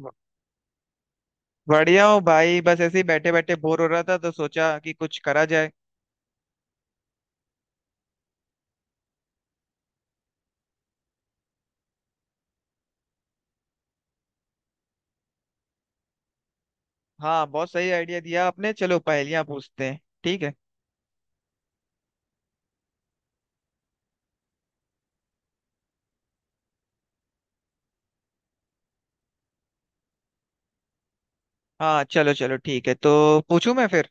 ब- बढ़िया हूँ भाई। बस ऐसे ही बैठे बैठे बोर हो रहा था तो सोचा कि कुछ करा जाए। हाँ, बहुत सही आइडिया दिया आपने। चलो, पहेलियाँ पूछते हैं, ठीक है। हाँ, चलो चलो, ठीक है, तो पूछूं मैं फिर।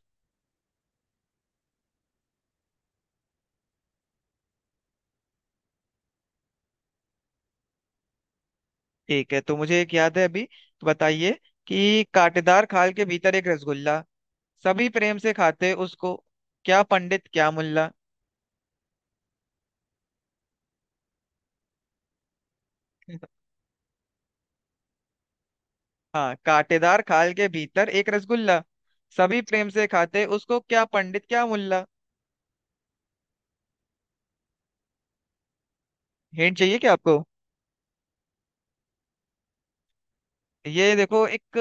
ठीक है, तो मुझे एक याद है अभी, तो बताइए कि कांटेदार खाल के भीतर एक रसगुल्ला, सभी प्रेम से खाते उसको, क्या पंडित क्या मुल्ला। हाँ, कांटेदार खाल के भीतर एक रसगुल्ला, सभी प्रेम से खाते उसको, क्या पंडित क्या मुल्ला। हिंट चाहिए क्या आपको? ये देखो, एक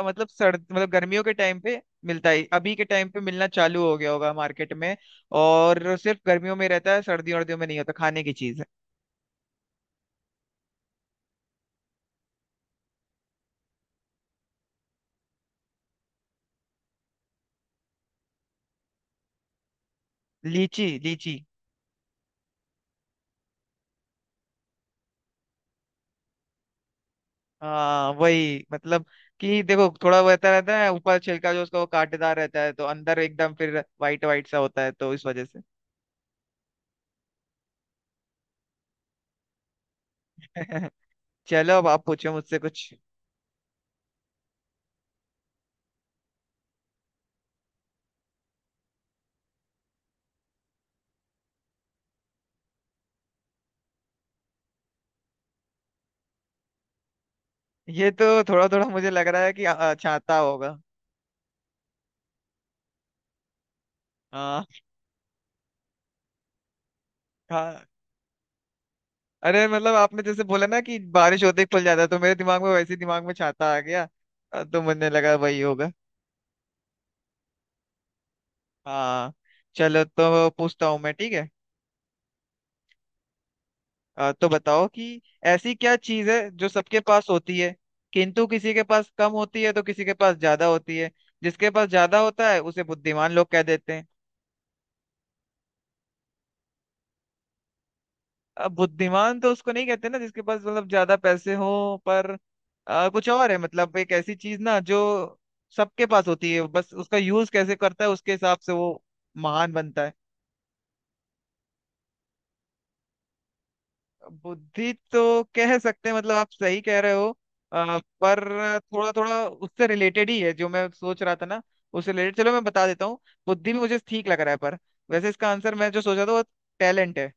मतलब सर्द, मतलब गर्मियों के टाइम पे मिलता है। अभी के टाइम पे मिलना चालू हो गया होगा मार्केट में, और सिर्फ गर्मियों में रहता है, सर्दियों वर्दियों में नहीं होता। खाने की चीज है। लीची, लीची। हाँ, वही मतलब, कि देखो थोड़ा वहता रहता है ऊपर छिलका जो उसका, वो कांटेदार रहता है, तो अंदर एकदम फिर वाइट वाइट सा होता है तो इस वजह से। चलो, अब आप पूछो मुझसे कुछ। ये तो थोड़ा थोड़ा मुझे लग रहा है कि छाता होगा। हाँ। अरे, मतलब आपने जैसे बोला ना कि बारिश होते ही खुल जाता है, तो मेरे दिमाग में वैसे ही दिमाग में छाता आ गया। तो मुझे लगा वही होगा। हाँ, चलो तो पूछता हूँ मैं, ठीक है। तो बताओ कि ऐसी क्या चीज है जो सबके पास होती है, किंतु किसी के पास कम होती है तो किसी के पास ज्यादा होती है, जिसके पास ज्यादा होता है उसे बुद्धिमान लोग कह देते हैं। अब बुद्धिमान तो उसको नहीं कहते ना, जिसके पास मतलब ज्यादा पैसे हो, पर कुछ और है, मतलब एक ऐसी चीज ना जो सबके पास होती है, बस उसका यूज कैसे करता है उसके हिसाब से वो महान बनता है। बुद्धि तो कह सकते हैं, मतलब आप सही कह रहे हो, पर थोड़ा थोड़ा उससे रिलेटेड ही है जो मैं सोच रहा था ना। उससे रिलेटेड, चलो मैं बता देता हूँ। बुद्धि भी मुझे ठीक लग रहा है, पर वैसे इसका आंसर मैं जो सोचा था वो टैलेंट है,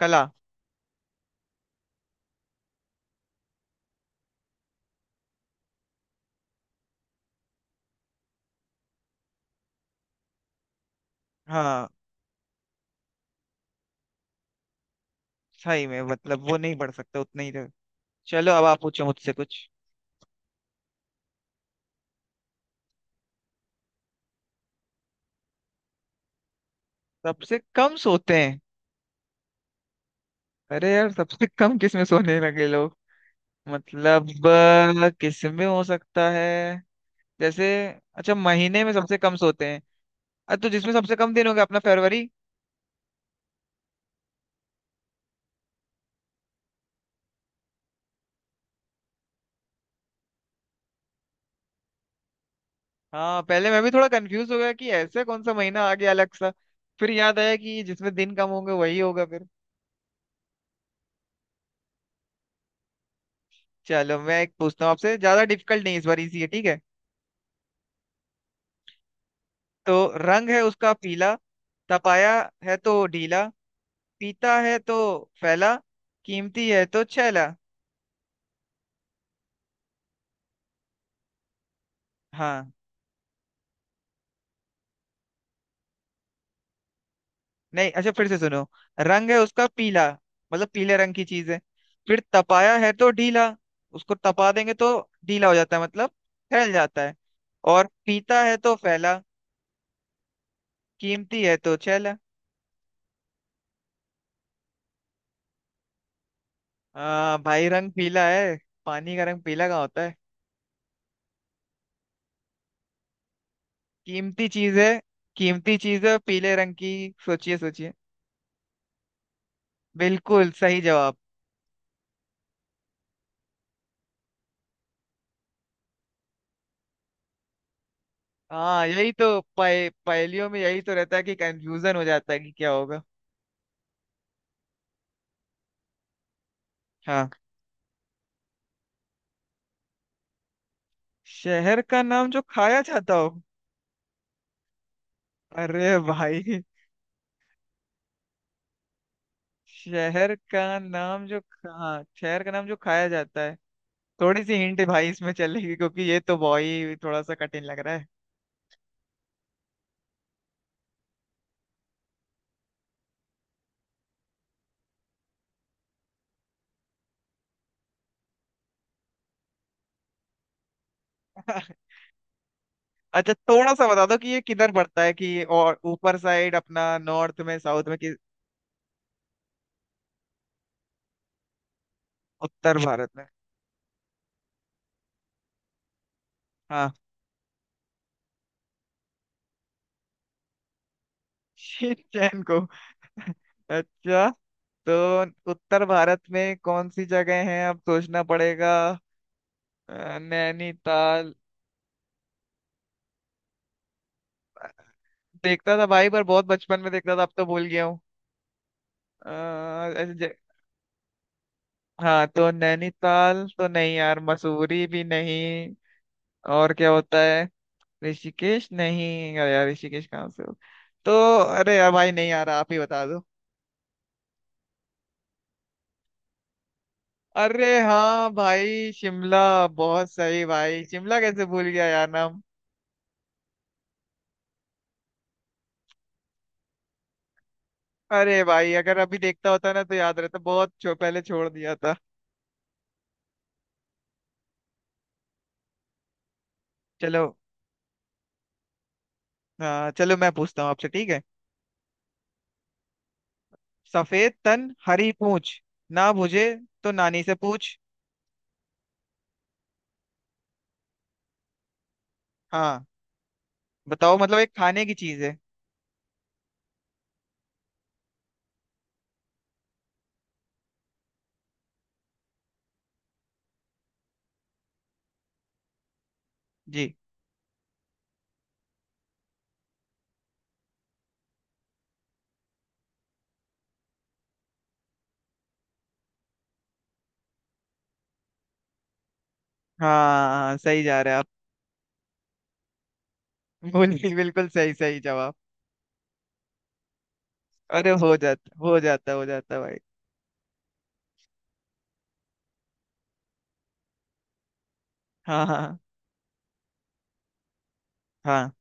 कला। हाँ, सही में मतलब वो नहीं बढ़ सकता उतना ही। चलो, अब आप पूछो मुझसे कुछ। सबसे कम सोते हैं? अरे यार, सबसे कम किसमें सोने लगे लोग? मतलब किसमें हो सकता है? जैसे, अच्छा, महीने में सबसे कम सोते हैं। अरे, तो जिसमें सबसे कम दिन हो गया अपना, फरवरी। हाँ, पहले मैं भी थोड़ा कंफ्यूज हो गया कि ऐसे कौन सा महीना आ गया अलग सा, फिर याद आया कि जिसमें दिन कम होंगे वही होगा फिर। चलो, मैं एक पूछता हूँ आपसे, ज्यादा डिफिकल्ट नहीं, इस बार इजी है, ठीक है। तो, रंग है उसका पीला, तपाया है तो ढीला, पीता है तो फैला, कीमती है तो छैला। हाँ। नहीं, अच्छा, फिर से सुनो। रंग है उसका पीला, मतलब पीले रंग की चीज है। फिर तपाया है तो ढीला, उसको तपा देंगे तो ढीला हो जाता है, मतलब फैल जाता है। और पीता है तो फैला, कीमती है तो छैला। भाई रंग पीला है, पानी का रंग पीला कहाँ होता है? कीमती चीज है, कीमती चीज है पीले रंग की। सोचिए सोचिए। बिल्कुल सही जवाब। हाँ, यही तो पहेलियों में यही तो रहता है कि कंफ्यूजन हो जाता है कि क्या होगा। हाँ। शहर का नाम जो खाया जाता हो? अरे भाई, शहर का नाम जो हाँ, शहर का नाम जो खाया जाता है। थोड़ी सी हिंट भाई इसमें चलेगी, क्योंकि ये तो भाई थोड़ा सा कठिन लग रहा है। अच्छा, थोड़ा सा बता दो कि ये किधर पड़ता है, कि और ऊपर साइड अपना, नॉर्थ में, साउथ में कि उत्तर भारत में? हाँ। शिट चैन को? अच्छा। तो उत्तर भारत में कौन सी जगह हैं, अब सोचना पड़ेगा। नैनीताल? देखता था भाई, पर बहुत बचपन में देखता था, अब तो भूल गया हूँ। अ, ऐसे ज- हाँ तो नैनीताल तो नहीं यार, मसूरी भी नहीं, और क्या होता है? ऋषिकेश? नहीं, अरे यार ऋषिकेश कहाँ से हो। तो, अरे यार भाई, नहीं यार, आप ही बता दो। अरे हाँ भाई, शिमला! बहुत सही भाई, शिमला कैसे भूल गया यार नाम। अरे भाई, अगर अभी देखता होता ना तो याद रहता। बहुत पहले छोड़ दिया था। चलो, चलो मैं पूछता हूँ आपसे, ठीक है। सफेद तन हरी पूछ, ना बुझे तो नानी से पूछ। हाँ, बताओ, मतलब एक खाने की चीज है। जी। हाँ, सही जा रहे हैं आप। बिल्कुल बिल्कुल सही, सही जवाब। अरे, हो जाता, हो जाता, हो जाता भाई। हाँ हाँ हाँ।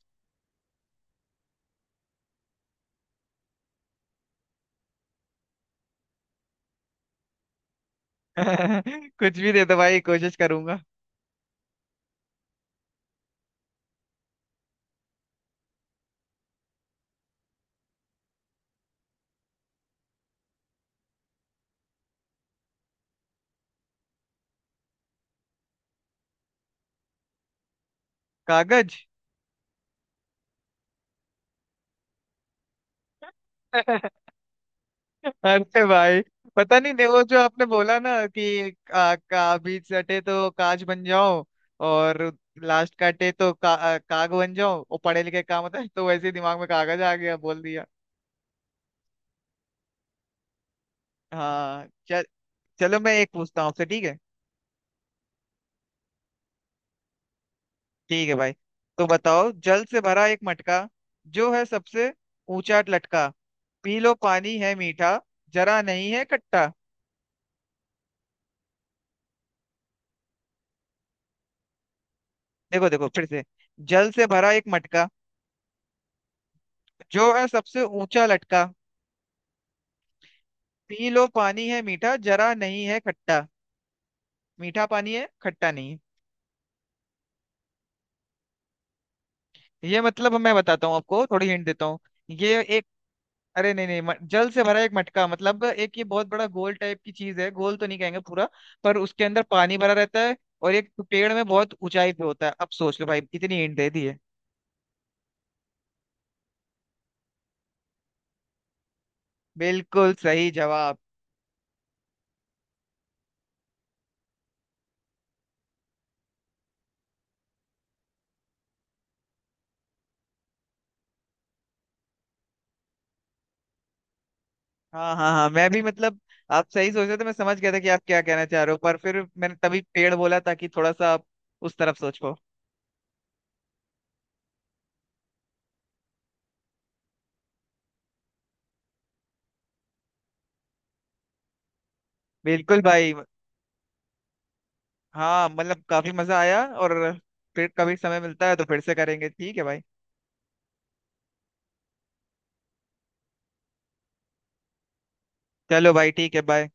कुछ भी दे दो भाई, कोशिश करूंगा। कागज। अरे भाई, पता नहीं, नहीं, वो जो आपने बोला ना कि का बीच सटे तो काज बन जाओ, और लास्ट काटे तो काग बन जाओ, वो पढ़े लिखे काम होता है, तो वैसे ही दिमाग में कागज आ गया, बोल दिया। हाँ चल। चलो मैं एक पूछता हूँ आपसे, ठीक है। ठीक है भाई। तो बताओ, जल से भरा एक मटका, जो है सबसे ऊंचा लटका, पी लो पानी है मीठा, जरा नहीं है खट्टा। देखो देखो फिर से। जल से भरा एक मटका, जो है सबसे ऊंचा लटका, पी लो पानी है मीठा, जरा नहीं है खट्टा। मीठा पानी है, खट्टा नहीं है ये, मतलब मैं बताता हूँ आपको, थोड़ी हिंट देता हूँ। ये एक, अरे नहीं नहीं जल से भरा एक मटका, मतलब एक ये बहुत बड़ा गोल टाइप की चीज है, गोल तो नहीं कहेंगे पूरा, पर उसके अंदर पानी भरा रहता है, और एक पेड़ में बहुत ऊंचाई पे होता है। अब सोच लो भाई, इतनी हिंट दे दी है। बिल्कुल सही जवाब। हाँ हाँ हाँ, मैं भी मतलब, आप सही सोच रहे थे, मैं समझ गया था कि आप क्या कहना चाह रहे हो, पर फिर मैंने तभी पेड़ बोला ताकि थोड़ा सा आप उस तरफ सोच पाओ। बिल्कुल भाई। हाँ, मतलब काफी मजा आया, और फिर कभी समय मिलता है तो फिर से करेंगे, ठीक है भाई। चलो भाई, ठीक है, बाय।